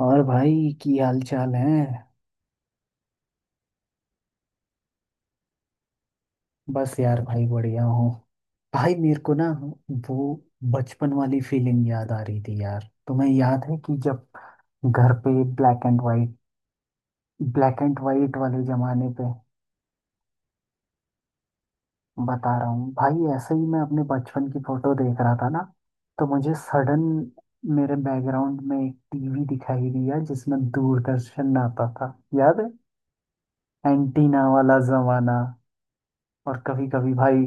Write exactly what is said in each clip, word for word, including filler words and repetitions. और भाई की हाल चाल है। बस यार भाई बढ़िया हूँ। भाई मेरे को ना वो बचपन वाली फीलिंग याद आ रही थी यार, तुम्हें याद है कि जब घर पे black and white black and white वाले जमाने पे। बता रहा हूँ भाई, ऐसे ही मैं अपने बचपन की फोटो देख रहा था ना। तो मुझे सडन मेरे बैकग्राउंड में एक टीवी दिखाई दिया जिसमें दूरदर्शन आता था। याद है? एंटीना वाला जमाना। और कभी कभी भाई,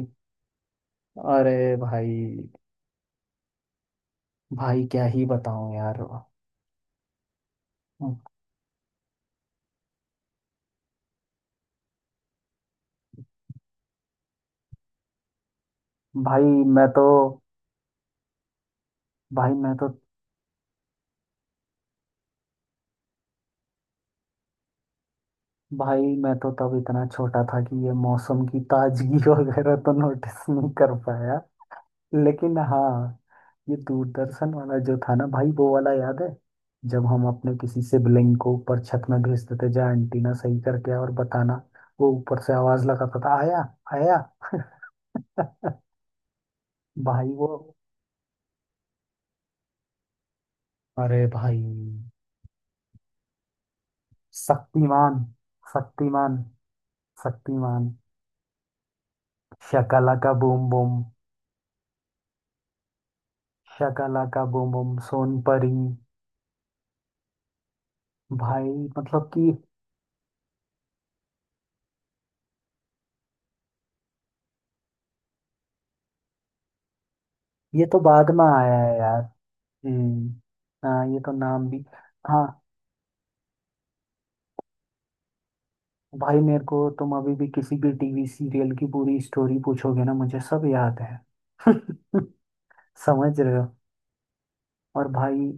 अरे भाई, भाई क्या ही बताऊं यार। भाई मैं तो भाई मैं तो भाई मैं तो तब इतना छोटा था कि ये मौसम की ताजगी वगैरह तो नोटिस नहीं कर पाया। लेकिन हाँ, ये दूरदर्शन वाला जो था ना भाई, वो वाला याद है। जब हम अपने किसी सिबलिंग को ऊपर छत में भेजते थे, जा एंटीना सही करके आ और बताना। वो ऊपर से आवाज लगाता था आया, आया। भाई वो, अरे भाई, Shaktimaan, Shaktimaan, Shaktimaan, Shakalaka boom boom, Shakalaka boom boom, Son Pari. भाई मतलब कि ये तो बाद में आया है यार। हम्म। हाँ ये तो नाम भी। हाँ भाई, मेरे को तुम अभी भी किसी भी टीवी सीरियल की पूरी स्टोरी पूछोगे ना, मुझे सब याद है। समझ रहे हो। और भाई,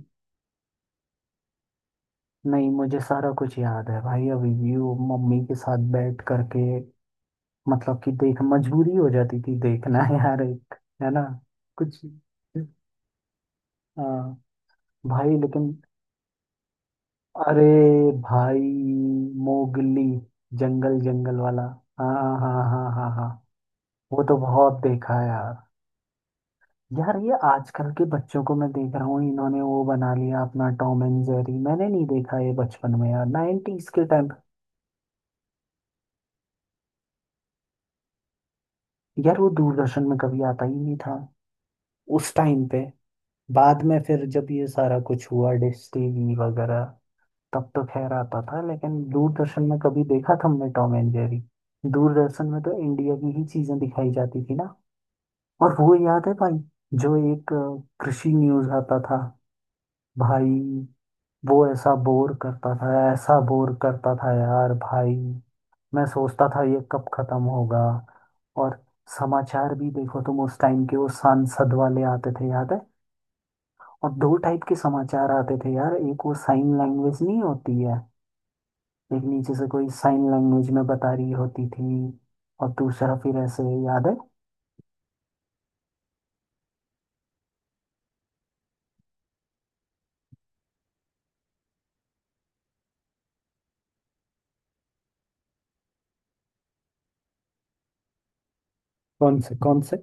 नहीं, मुझे सारा कुछ याद है भाई, अभी भी वो मम्मी के साथ बैठ करके, मतलब कि देख मजबूरी हो जाती थी देखना यार, एक, है ना? कुछ, हाँ भाई, लेकिन, अरे भाई मोगली, जंगल जंगल वाला। हाँ, हाँ, हाँ, हाँ, हाँ। वो तो बहुत देखा है यार। यार ये आजकल के बच्चों को मैं देख रहा हूँ, इन्होंने वो बना लिया अपना टॉम एंड जेरी, मैंने नहीं देखा ये बचपन में यार, नाइन्टीज के टाइम। यार वो दूरदर्शन में कभी आता ही नहीं था उस टाइम पे। बाद में फिर जब ये सारा कुछ हुआ डिश टीवी वगैरह, तब तो खैर आता था, लेकिन दूरदर्शन में कभी देखा तुमने टॉम एंड जेरी? दूरदर्शन में तो इंडिया की ही चीजें दिखाई जाती थी ना। और वो याद है भाई, जो एक अ, कृषि न्यूज आता था। भाई वो ऐसा बोर करता था, ऐसा बोर करता था यार भाई। मैं सोचता था ये कब खत्म होगा। और समाचार भी देखो तुम उस टाइम के, वो सांसद वाले आते थे, याद है। और दो टाइप के समाचार आते थे यार, एक वो साइन लैंग्वेज नहीं होती है, एक नीचे से कोई साइन लैंग्वेज में बता रही होती थी, और दूसरा फिर ऐसे, याद है? कौन से कौन से?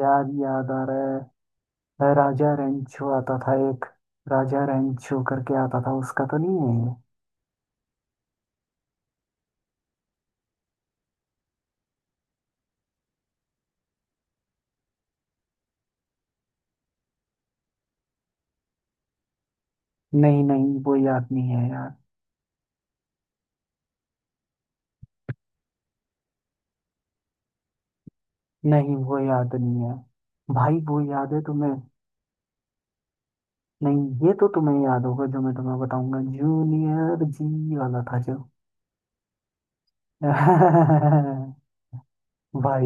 याद याद आ रहा है राजा रेंचो आता था एक। राजा रेंचो करके आता था, उसका तो नहीं है ये? नहीं नहीं, वो याद नहीं है यार। नहीं वो याद नहीं है। भाई वो याद है तुम्हें? नहीं, ये तो तुम्हें याद होगा जो मैं तुम्हें बताऊंगा, जूनियर जी वाला था जो। भाई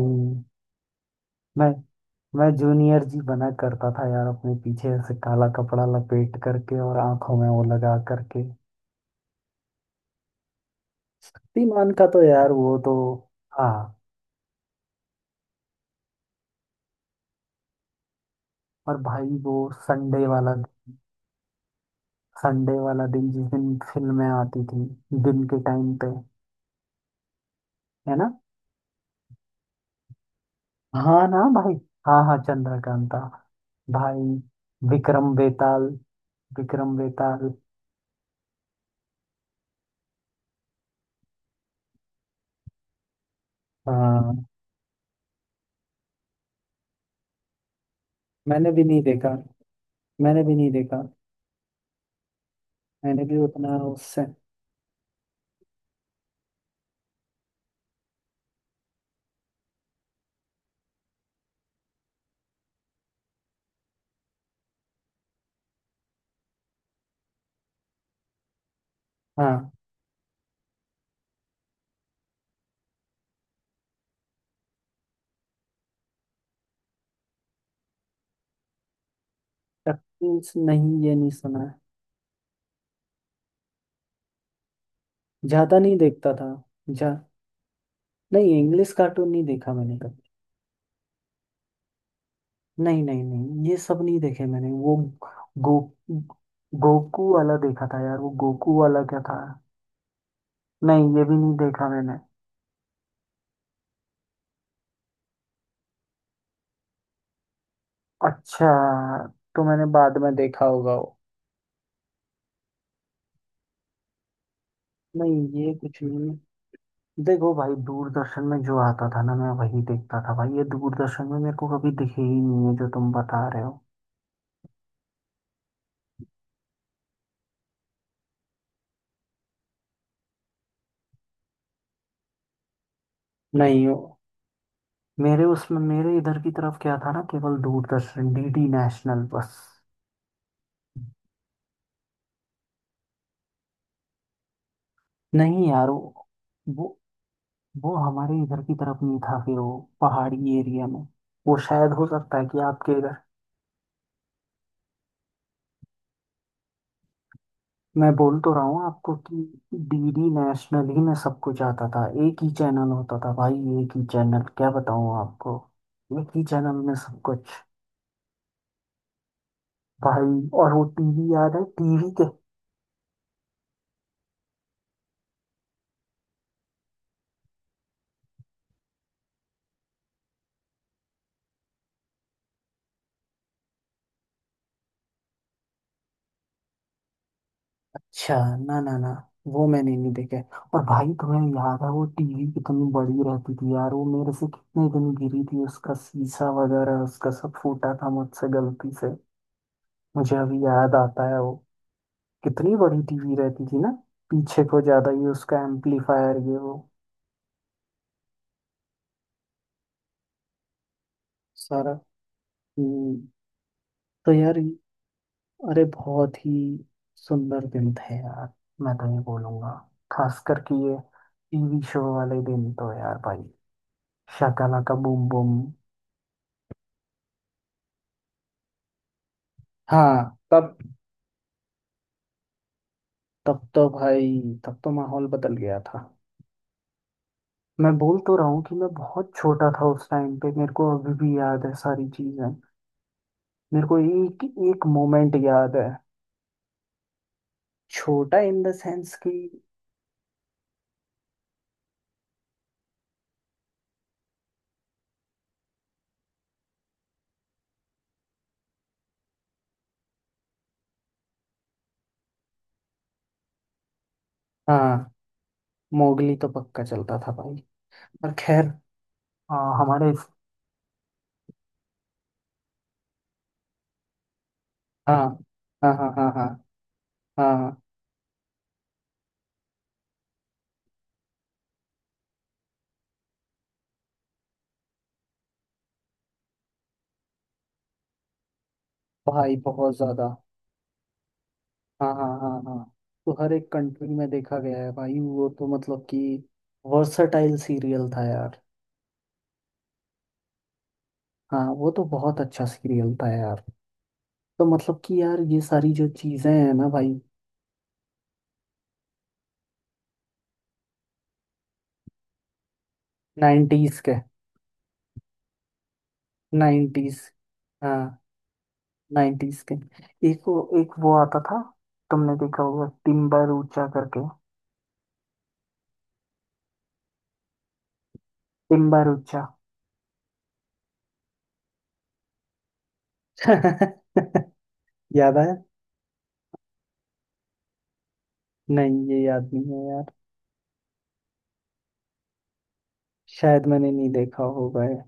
मैं मैं जूनियर जी बना करता था यार, अपने पीछे से काला कपड़ा लपेट करके और आंखों में वो लगा करके। शक्तिमान का तो यार वो तो, हाँ। और भाई वो संडे वाला, संडे वाला दिन, जिस दिन फिल्में आती थी दिन के टाइम पे, है ना? हाँ ना भाई। हाँ, हाँ, चंद्रकांता। भाई विक्रम बेताल, विक्रम बेताल। हाँ, मैंने भी नहीं देखा, मैंने भी नहीं देखा, मैंने भी उतना उससे, हाँ। शक्ति नहीं, ये नहीं सुना। ज्यादा नहीं देखता था। जा, नहीं इंग्लिश कार्टून नहीं देखा मैंने कभी। नहीं नहीं नहीं, ये सब नहीं देखे मैंने वो। गो गोकू वाला देखा था यार, वो गोकू वाला क्या था? नहीं, ये भी नहीं देखा मैंने। अच्छा, तो मैंने बाद में देखा होगा वो। नहीं ये कुछ नहीं। देखो भाई, दूरदर्शन में जो आता था ना, मैं वही देखता था भाई, ये दूरदर्शन में मेरे को कभी दिखे ही नहीं है जो तुम बता रहे हो। नहीं हो। मेरे उसमें मेरे इधर की तरफ क्या था ना, केवल दूरदर्शन डीडी नेशनल, बस। नहीं यार, वो वो वो हमारे इधर की तरफ नहीं था फिर, वो पहाड़ी एरिया में, वो शायद हो सकता है कि आपके इधर। मैं बोल तो रहा हूँ आपको कि डीडी नेशनल ही में सब कुछ आता था, एक ही चैनल होता था भाई। एक ही चैनल, क्या बताऊँ आपको, एक ही चैनल में सब कुछ। भाई और वो टीवी याद है, टीवी के, अच्छा, ना ना ना, वो मैंने नहीं देखा है। और भाई तुम्हें याद है वो टीवी कितनी बड़ी रहती थी यार, वो मेरे से कितने दिन गिरी थी, उसका शीशा वगैरह, उसका सब फूटा था मुझसे गलती से। मुझे अभी याद आता है वो। कितनी बड़ी टीवी रहती थी ना, पीछे को ज्यादा, ये उसका एम्पलीफायर, ये वो सारा। हम्म, तो यार, अरे बहुत ही सुंदर दिन थे यार। मैं तो ये बोलूंगा, खास करके ये टीवी शो वाले दिन तो यार भाई, शाकाला का बूम बूम। हाँ तब, तब तो भाई, तब तो माहौल बदल गया था। मैं बोल तो रहा हूँ कि मैं बहुत छोटा था उस टाइम पे, मेरे को अभी भी याद है सारी चीजें, मेरे को एक एक मोमेंट याद है। छोटा इन द सेंस कि, हाँ। मोगली तो पक्का चलता था भाई, पर खैर, हाँ हमारे, हाँ, हाँ, हाँ, हाँ, हाँ। हाँ भाई, बहुत ज्यादा। हाँ, हाँ, हाँ, हाँ, तो हर एक कंट्री में देखा गया है भाई, वो तो मतलब कि वर्सटाइल सीरियल था यार। हाँ, वो तो बहुत अच्छा सीरियल था यार। तो मतलब कि यार ये सारी जो चीजें हैं ना भाई, नाइन्टीज के, नाइन्टीज, हाँ, नाइन्टीज के। एक वो, एक वो आता था, तुमने देखा होगा टिम्बर ऊंचा करके। टिम्बर ऊंचा। याद है? नहीं, ये याद नहीं है यार। शायद मैंने नहीं देखा होगा ये।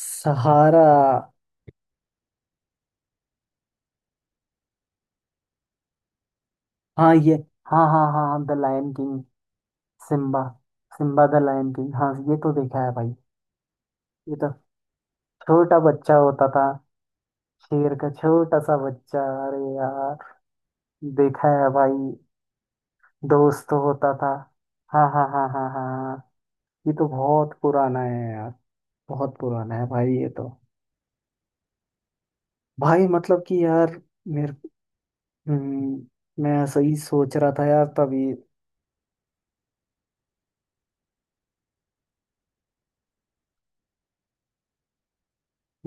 सहारा। हाँ ये, हाँ, हाँ, हाँ, हाँ, the lion king, Simba, Simba the lion king, हाँ, ये तो देखा है भाई। ये तो, छोटा बच्चा होता था, शेर का छोटा सा बच्चा। अरे यार, देखा है भाई। दोस्त तो होता था, हाँ, हाँ, हाँ, हाँ, हाँ। ये तो बहुत पुराना है यार। बहुत पुराना है भाई ये तो। भाई मतलब कि यार, मेरे, हम्म, मैं ऐसा ही सोच रहा था यार, तभी।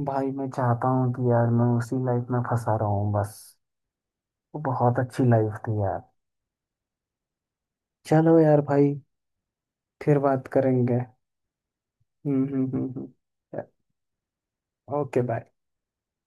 भाई मैं चाहता हूँ कि यार मैं उसी लाइफ में फंसा रहा हूँ बस, वो बहुत अच्छी लाइफ थी यार। चलो यार भाई, फिर बात करेंगे। Hmm, hmm, hmm, hmm. Okay, bye.